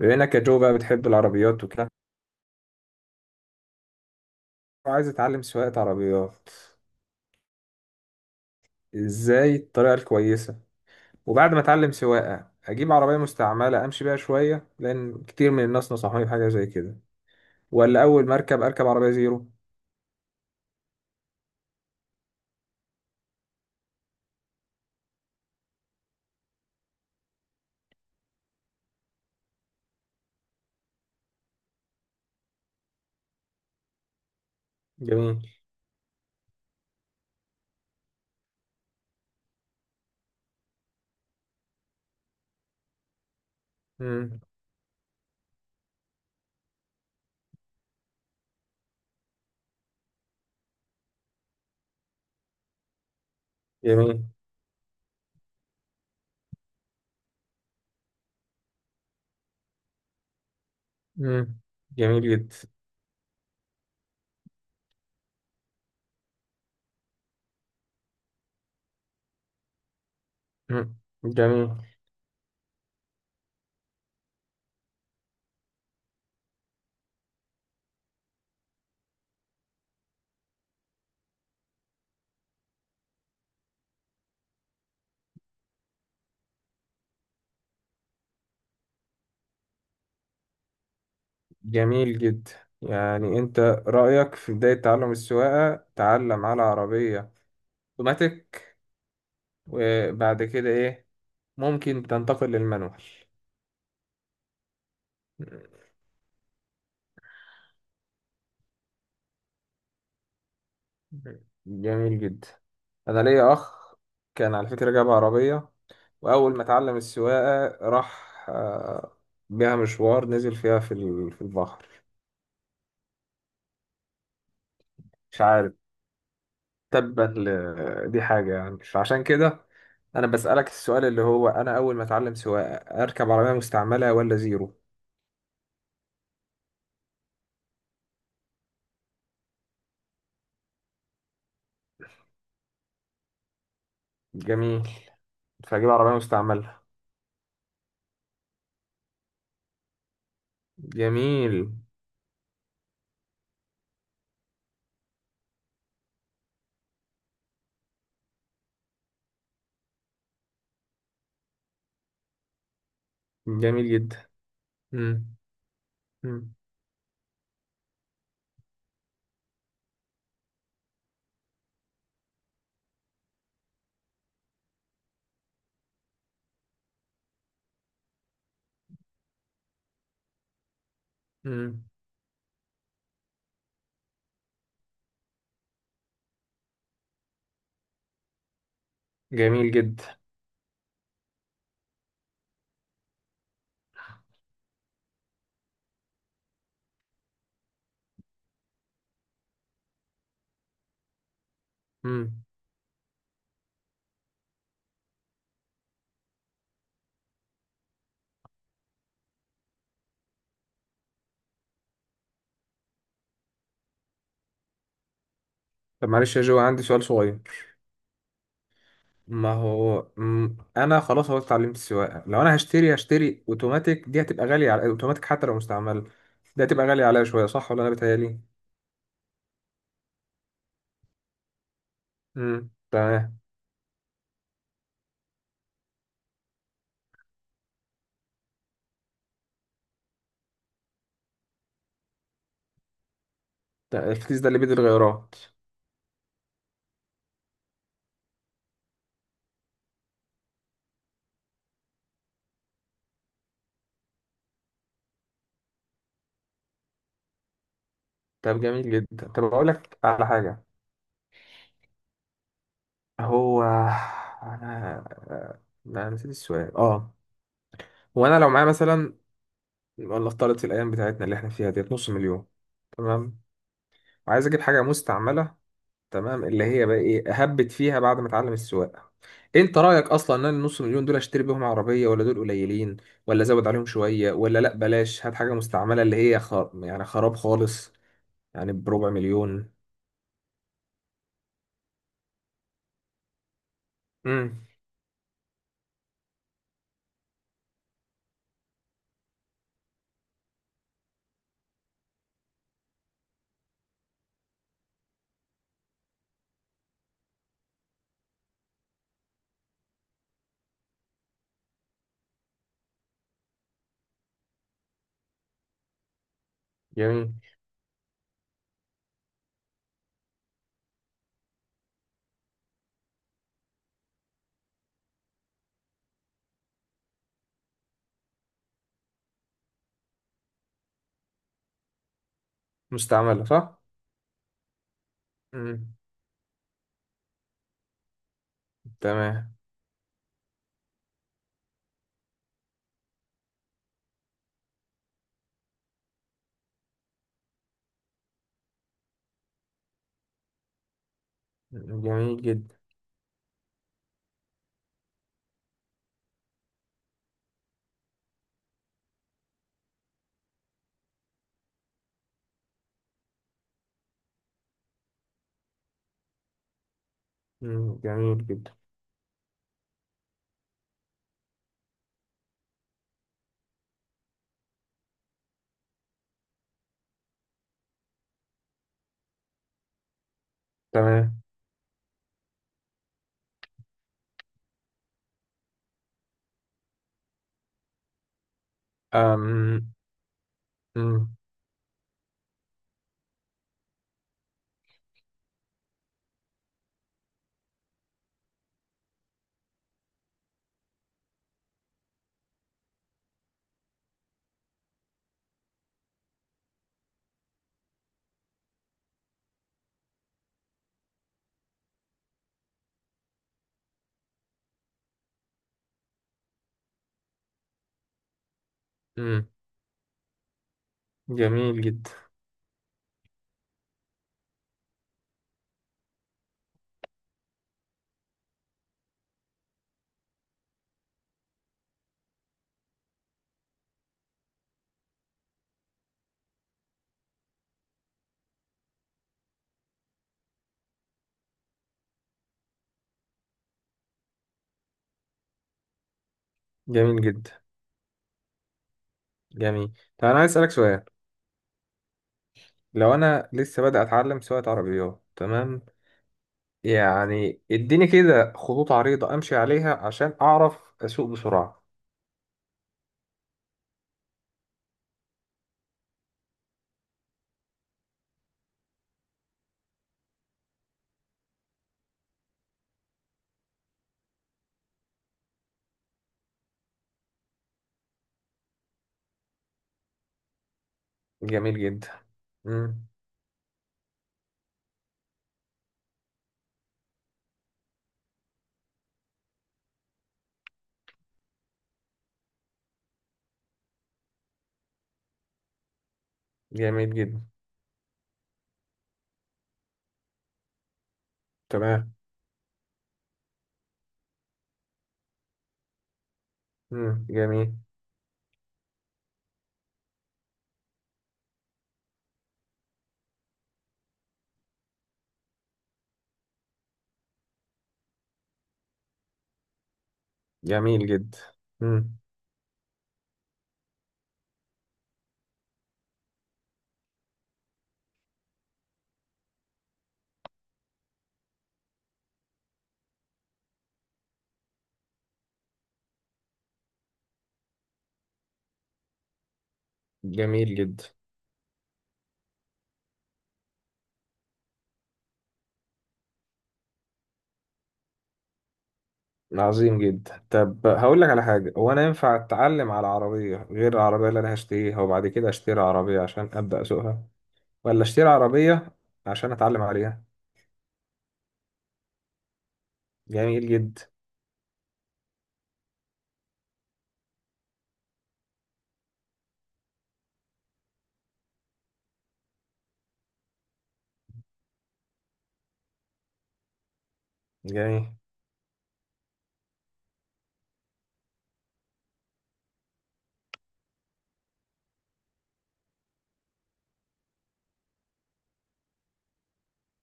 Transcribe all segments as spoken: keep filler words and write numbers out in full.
بما انك يا جو بقى بتحب العربيات وكده، وعايز اتعلم سواقة عربيات، ازاي الطريقة الكويسة؟ وبعد ما اتعلم سواقة اجيب عربية مستعملة امشي بيها شوية لان كتير من الناس نصحوني بحاجة زي كده، ولا اول ما اركب اركب عربية زيرو؟ جميل. مم. جميل. مم. جميل جدا. مم. جميل. جميل جدا. يعني انت رأيك في بداية تعلم السواقة تعلم على عربية اوتوماتيك، وبعد كده ايه؟ ممكن تنتقل للمانوال؟ جميل جدا. انا ليا اخ كان على فكره جاب عربيه، واول ما اتعلم السواقه راح آه، بيها مشوار، نزل فيها في ال- في البحر. مش عارف. تبا ل- دي حاجه يعني مش عشان كده. انا بسالك السؤال اللي هو انا اول ما اتعلم سواقه اركب عربيه مستعمله ولا زيرو؟ جميل. فاجيب عربيه مستعمله. جميل. جميل جدا. مم. مم. مم. جميل جدا. مم. طب معلش يا جو، عندي سؤال صغير. ما هو مم، انا خلاص هو اتعلمت السواقه، لو انا هشتري هشتري اوتوماتيك، دي هتبقى غاليه على اوتوماتيك حتى لو مستعمل، دي هتبقى غاليه عليا شويه، صح ولا انا بتهيالي؟ امم. تمام. ده الكيس ده اللي بيد الغيارات؟ طب جميل جدا. طب اقول لك على حاجه. هو انا انا نسيت السؤال، اه. هو انا لو معايا مثلا، ولا افترض في الايام بتاعتنا اللي احنا فيها ديت نص مليون، تمام. وعايز اجيب حاجه مستعمله، تمام، اللي هي بقى ايه هبت فيها بعد ما اتعلم السواقه. انت رايك اصلا ان انا النص مليون دول اشتري بيهم عربيه ولا دول قليلين، ولا ازود عليهم شويه، ولا لا بلاش هات حاجه مستعمله اللي هي خر... يعني خراب خالص، يعني بربع مليون. امم. جميل. مستعمله صح. امم. تمام. جميل جدا. امم. جميل جدا. تمام. امم. امم. أمم. جميل جدا. جميل جدا. جميل. طب انا عايز اسالك سؤال. لو انا لسه بادئ اتعلم سواقه عربيات، تمام. يعني اديني كده خطوط عريضة امشي عليها عشان اعرف اسوق بسرعة. جميل جدا. مم. جميل جدا. تمام. مم. جميل. جميل جدا. مم. جميل جدا. عظيم جدا. طب هقول لك على حاجة. هو انا ينفع اتعلم على عربية غير العربية اللي انا هشتريها وبعد كده اشتري عربية عشان ابدأ اسوقها؟ ولا اشتري عربية عشان اتعلم عليها؟ جميل جدا. جميل.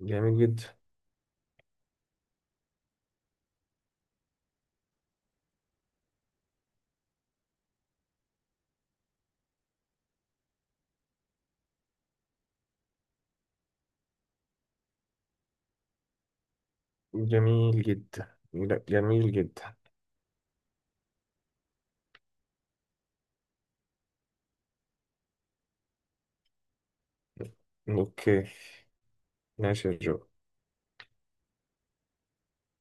جميل جدا. جميل جدا. لا، جميل جدا. اوكي. ماشي يا جو.